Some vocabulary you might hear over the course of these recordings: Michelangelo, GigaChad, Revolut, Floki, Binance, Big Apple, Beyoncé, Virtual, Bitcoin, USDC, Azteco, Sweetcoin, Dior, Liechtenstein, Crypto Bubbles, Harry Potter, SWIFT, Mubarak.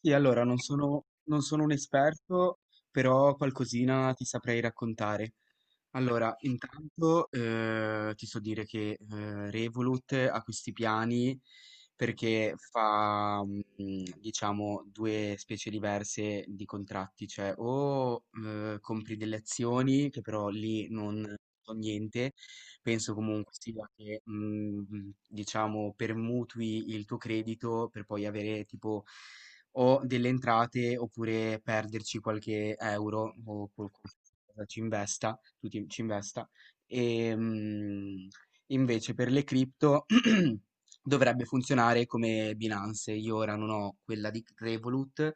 Sì, allora non sono un esperto, però qualcosina ti saprei raccontare. Allora, intanto ti so dire che Revolut ha questi piani perché fa, diciamo, due specie diverse di contratti, cioè o compri delle azioni, che però lì non so niente, penso comunque sia che, diciamo, permutui il tuo credito per poi avere tipo o delle entrate oppure perderci qualche euro o qualcosa ci investa, ci investa. E, invece per le cripto, dovrebbe funzionare come Binance. Io ora non ho quella di Revolut,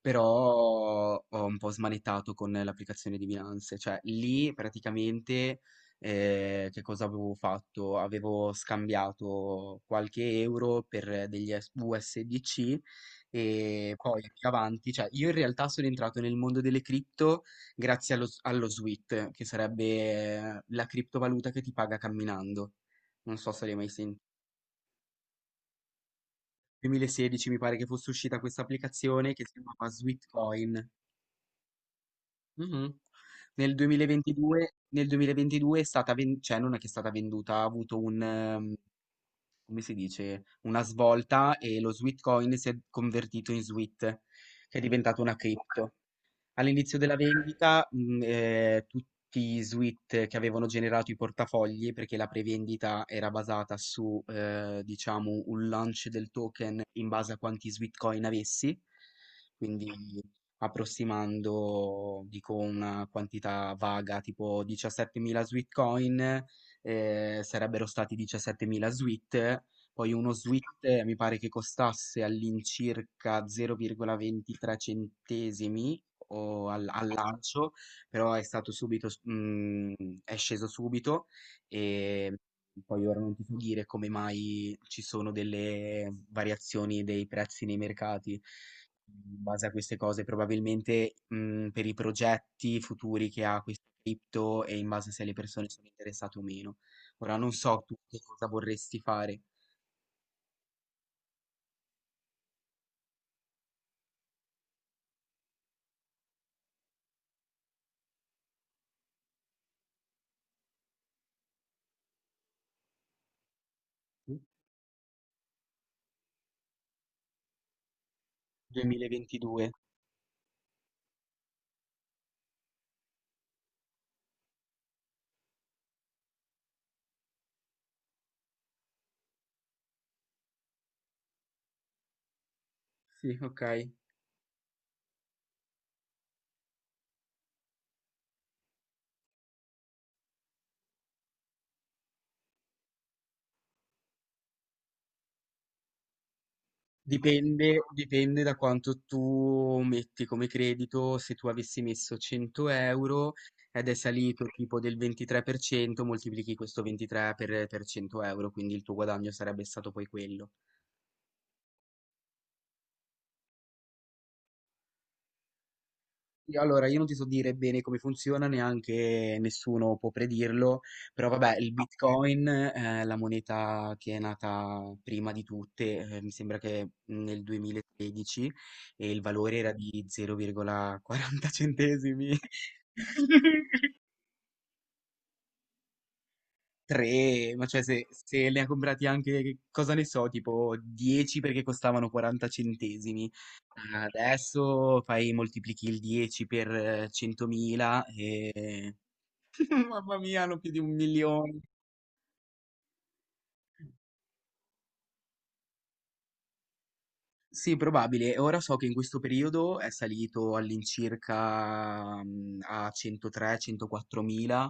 però ho un po' smanettato con l'applicazione di Binance. Cioè lì praticamente, che cosa avevo fatto? Avevo scambiato qualche euro per degli USDC e poi più avanti, cioè io in realtà sono entrato nel mondo delle cripto grazie allo SWIFT, che sarebbe la criptovaluta che ti paga camminando. Non so se l'hai mai sentito. 2016 mi pare che fosse uscita questa applicazione che si chiamava Sweetcoin. Mhm. Nel 2022 è stata cioè non è che è stata venduta, ha avuto un, come si dice, una svolta, e lo Sweetcoin si è convertito in Sweet, che è diventato una cripto. All'inizio della vendita, tutti i suite che avevano generato i portafogli, perché la prevendita era basata su, diciamo, un launch del token in base a quanti suite coin avessi, quindi approssimando, dico, una quantità vaga, tipo 17.000 suite coin, sarebbero stati 17.000 suite, poi uno Sweet mi pare che costasse all'incirca 0,23 centesimi o al lancio, però è stato subito, è sceso subito. E poi ora non ti so dire come mai ci sono delle variazioni dei prezzi nei mercati. In base a queste cose, probabilmente, per i progetti futuri che ha questo cripto e in base se le persone sono interessate o meno. Ora non so tu che cosa vorresti fare. 2022. Sì, ok. Dipende da quanto tu metti come credito. Se tu avessi messo 100 euro ed è salito tipo del 23%, moltiplichi questo 23 per 100 euro, quindi il tuo guadagno sarebbe stato poi quello. Sì, allora, io non ti so dire bene come funziona, neanche nessuno può predirlo, però vabbè, il ok. Bitcoin, la moneta che è nata prima di tutte, mi sembra che nel 2013, e il valore era di 0,40 centesimi, 3, ma cioè, se ne ha comprati anche, che cosa ne so, tipo 10, perché costavano 40 centesimi. Adesso fai, moltiplichi il 10 per 100.000 e... Mamma mia, hanno più di un milione. Sì, probabile. Ora so che in questo periodo è salito all'incirca, a 103-104 mila.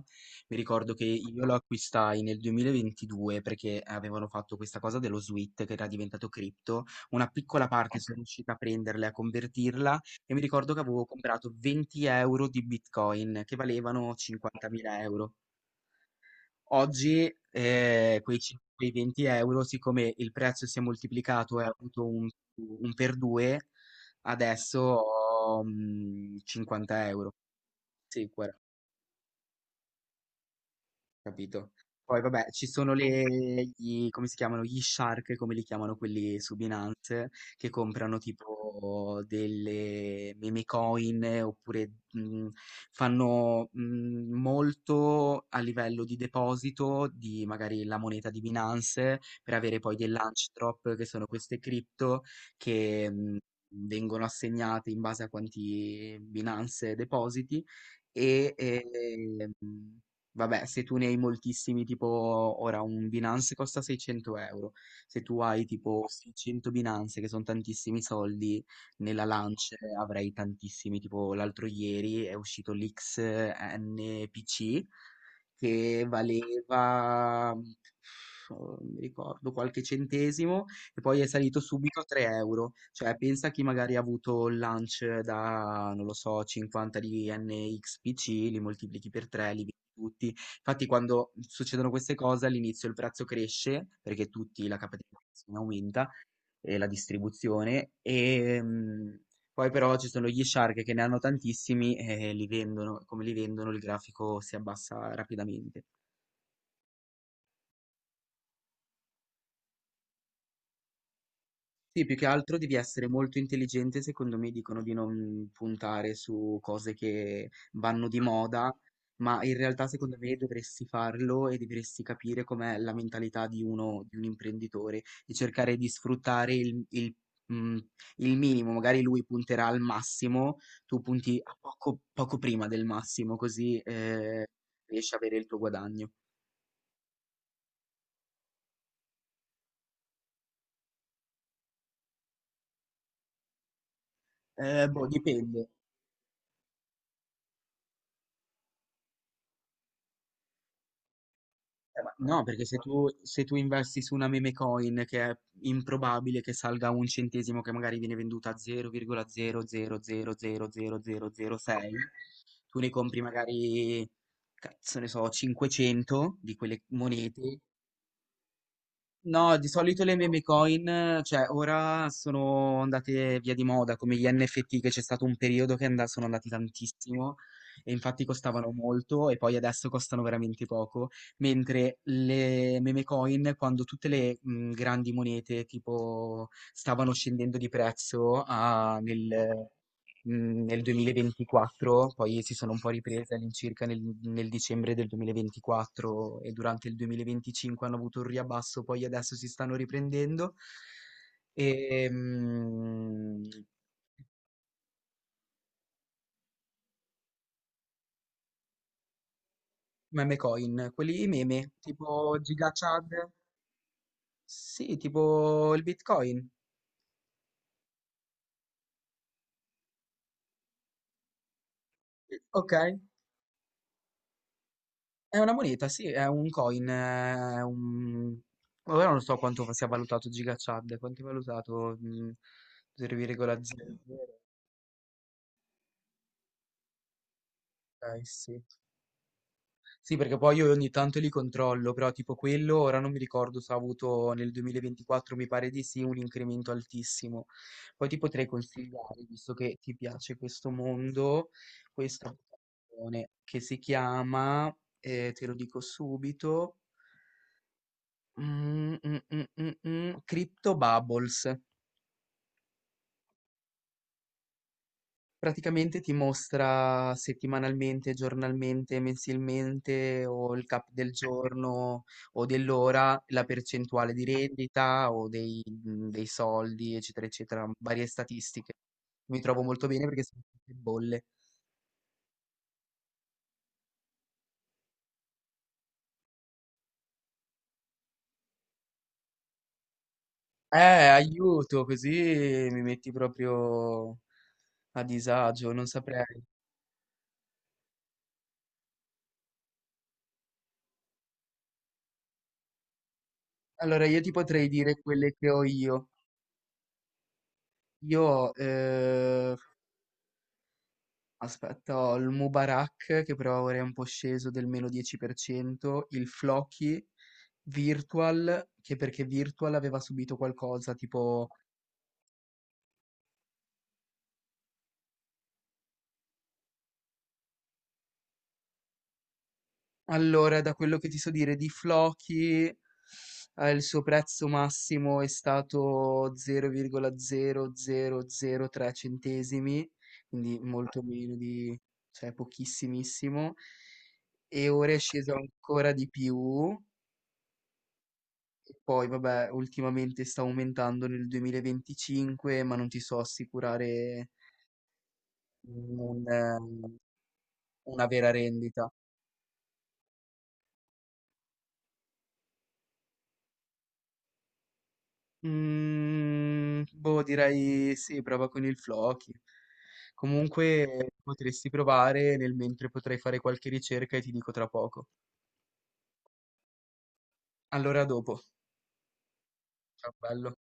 Mi ricordo che io lo acquistai nel 2022 perché avevano fatto questa cosa dello SWIT che era diventato cripto. Una piccola parte sono riuscita a prenderla e a convertirla, e mi ricordo che avevo comprato 20 euro di Bitcoin che valevano 50.000 euro. Oggi, quei 20 € siccome il prezzo si è moltiplicato e ha avuto un per 2, adesso ho, 50 €. Sì, guara capito. Poi vabbè, ci sono le gli, come si chiamano? Gli shark, come li chiamano quelli su Binance, che comprano tipo delle meme coin, oppure fanno molto a livello di deposito di magari la moneta di Binance per avere poi dei launch drop, che sono queste cripto che vengono assegnate in base a quanti Binance depositi, e vabbè, se tu ne hai moltissimi, tipo ora un Binance costa 600 euro, se tu hai tipo 600 Binance, che sono tantissimi soldi, nella Lance avrai tantissimi, tipo l'altro ieri è uscito l'XNPC che valeva, pff, non mi ricordo, qualche centesimo, e poi è salito subito a 3 euro. Cioè, pensa chi magari ha avuto il launch da, non lo so, 50 di NXPC, li moltiplichi per 3, li vendi tutti. Infatti, quando succedono queste cose, all'inizio il prezzo cresce perché tutti la capitalizzazione aumenta, e la distribuzione e poi però ci sono gli shark che ne hanno tantissimi e li vendono, come li vendono il grafico si abbassa rapidamente. Sì, più che altro devi essere molto intelligente. Secondo me dicono di non puntare su cose che vanno di moda, ma in realtà secondo me dovresti farlo, e dovresti capire com'è la mentalità di uno, di un imprenditore, e cercare di sfruttare mm, il minimo. Magari lui punterà al massimo, tu punti a poco, poco prima del massimo, così riesci a avere il tuo guadagno. Boh, dipende. Ma no, perché se tu, se tu investi su una meme coin che è improbabile che salga a un centesimo, che magari viene venduta a 0,00000006, tu ne compri magari, cazzo ne so, 500 di quelle monete. No, di solito le meme coin, cioè ora sono andate via di moda, come gli NFT, che c'è stato un periodo che sono andati tantissimo, e infatti costavano molto e poi adesso costano veramente poco, mentre le meme coin, quando tutte le grandi monete tipo stavano scendendo di prezzo, nel 2024, poi si sono un po' riprese all'incirca nel dicembre del 2024, e durante il 2025 hanno avuto un riabbasso, poi adesso si stanno riprendendo. E, meme coin, quelli meme, tipo GigaChad, sì, tipo il Bitcoin. Ok, è una moneta, sì, è un coin, è un... Ora non so quanto sia valutato GigaChad, quanto è valutato? 0,0. Okay, sì. Sì, perché poi io ogni tanto li controllo, però tipo quello ora non mi ricordo se ha avuto nel 2024, mi pare di sì, un incremento altissimo. Poi ti potrei consigliare, visto che ti piace questo mondo, questa applicazione che si chiama, te lo dico subito, Crypto Bubbles. Praticamente ti mostra settimanalmente, giornalmente, mensilmente o il cap del giorno o dell'ora, la percentuale di rendita o dei soldi, eccetera, eccetera, varie statistiche. Mi trovo molto bene perché sono tutte bolle. Eh, aiuto, così mi metti proprio a disagio, non saprei. Allora, io ti potrei dire quelle che ho io. Io ho, aspetta, ho il Mubarak che però ora è un po' sceso del meno 10%, il Floki, Virtual, che perché Virtual aveva subito qualcosa, tipo... Allora, da quello che ti so dire di Floki, il suo prezzo massimo è stato 0,0003 centesimi, quindi molto meno di... cioè pochissimissimo, e ora è sceso ancora di più. Poi, vabbè, ultimamente sta aumentando nel 2025, ma non ti so assicurare un, eh, una vera rendita. Boh, direi sì, prova con il Floki. Comunque potresti provare nel mentre, potrai fare qualche ricerca e ti dico tra poco. Allora, a dopo. Ciao, bello.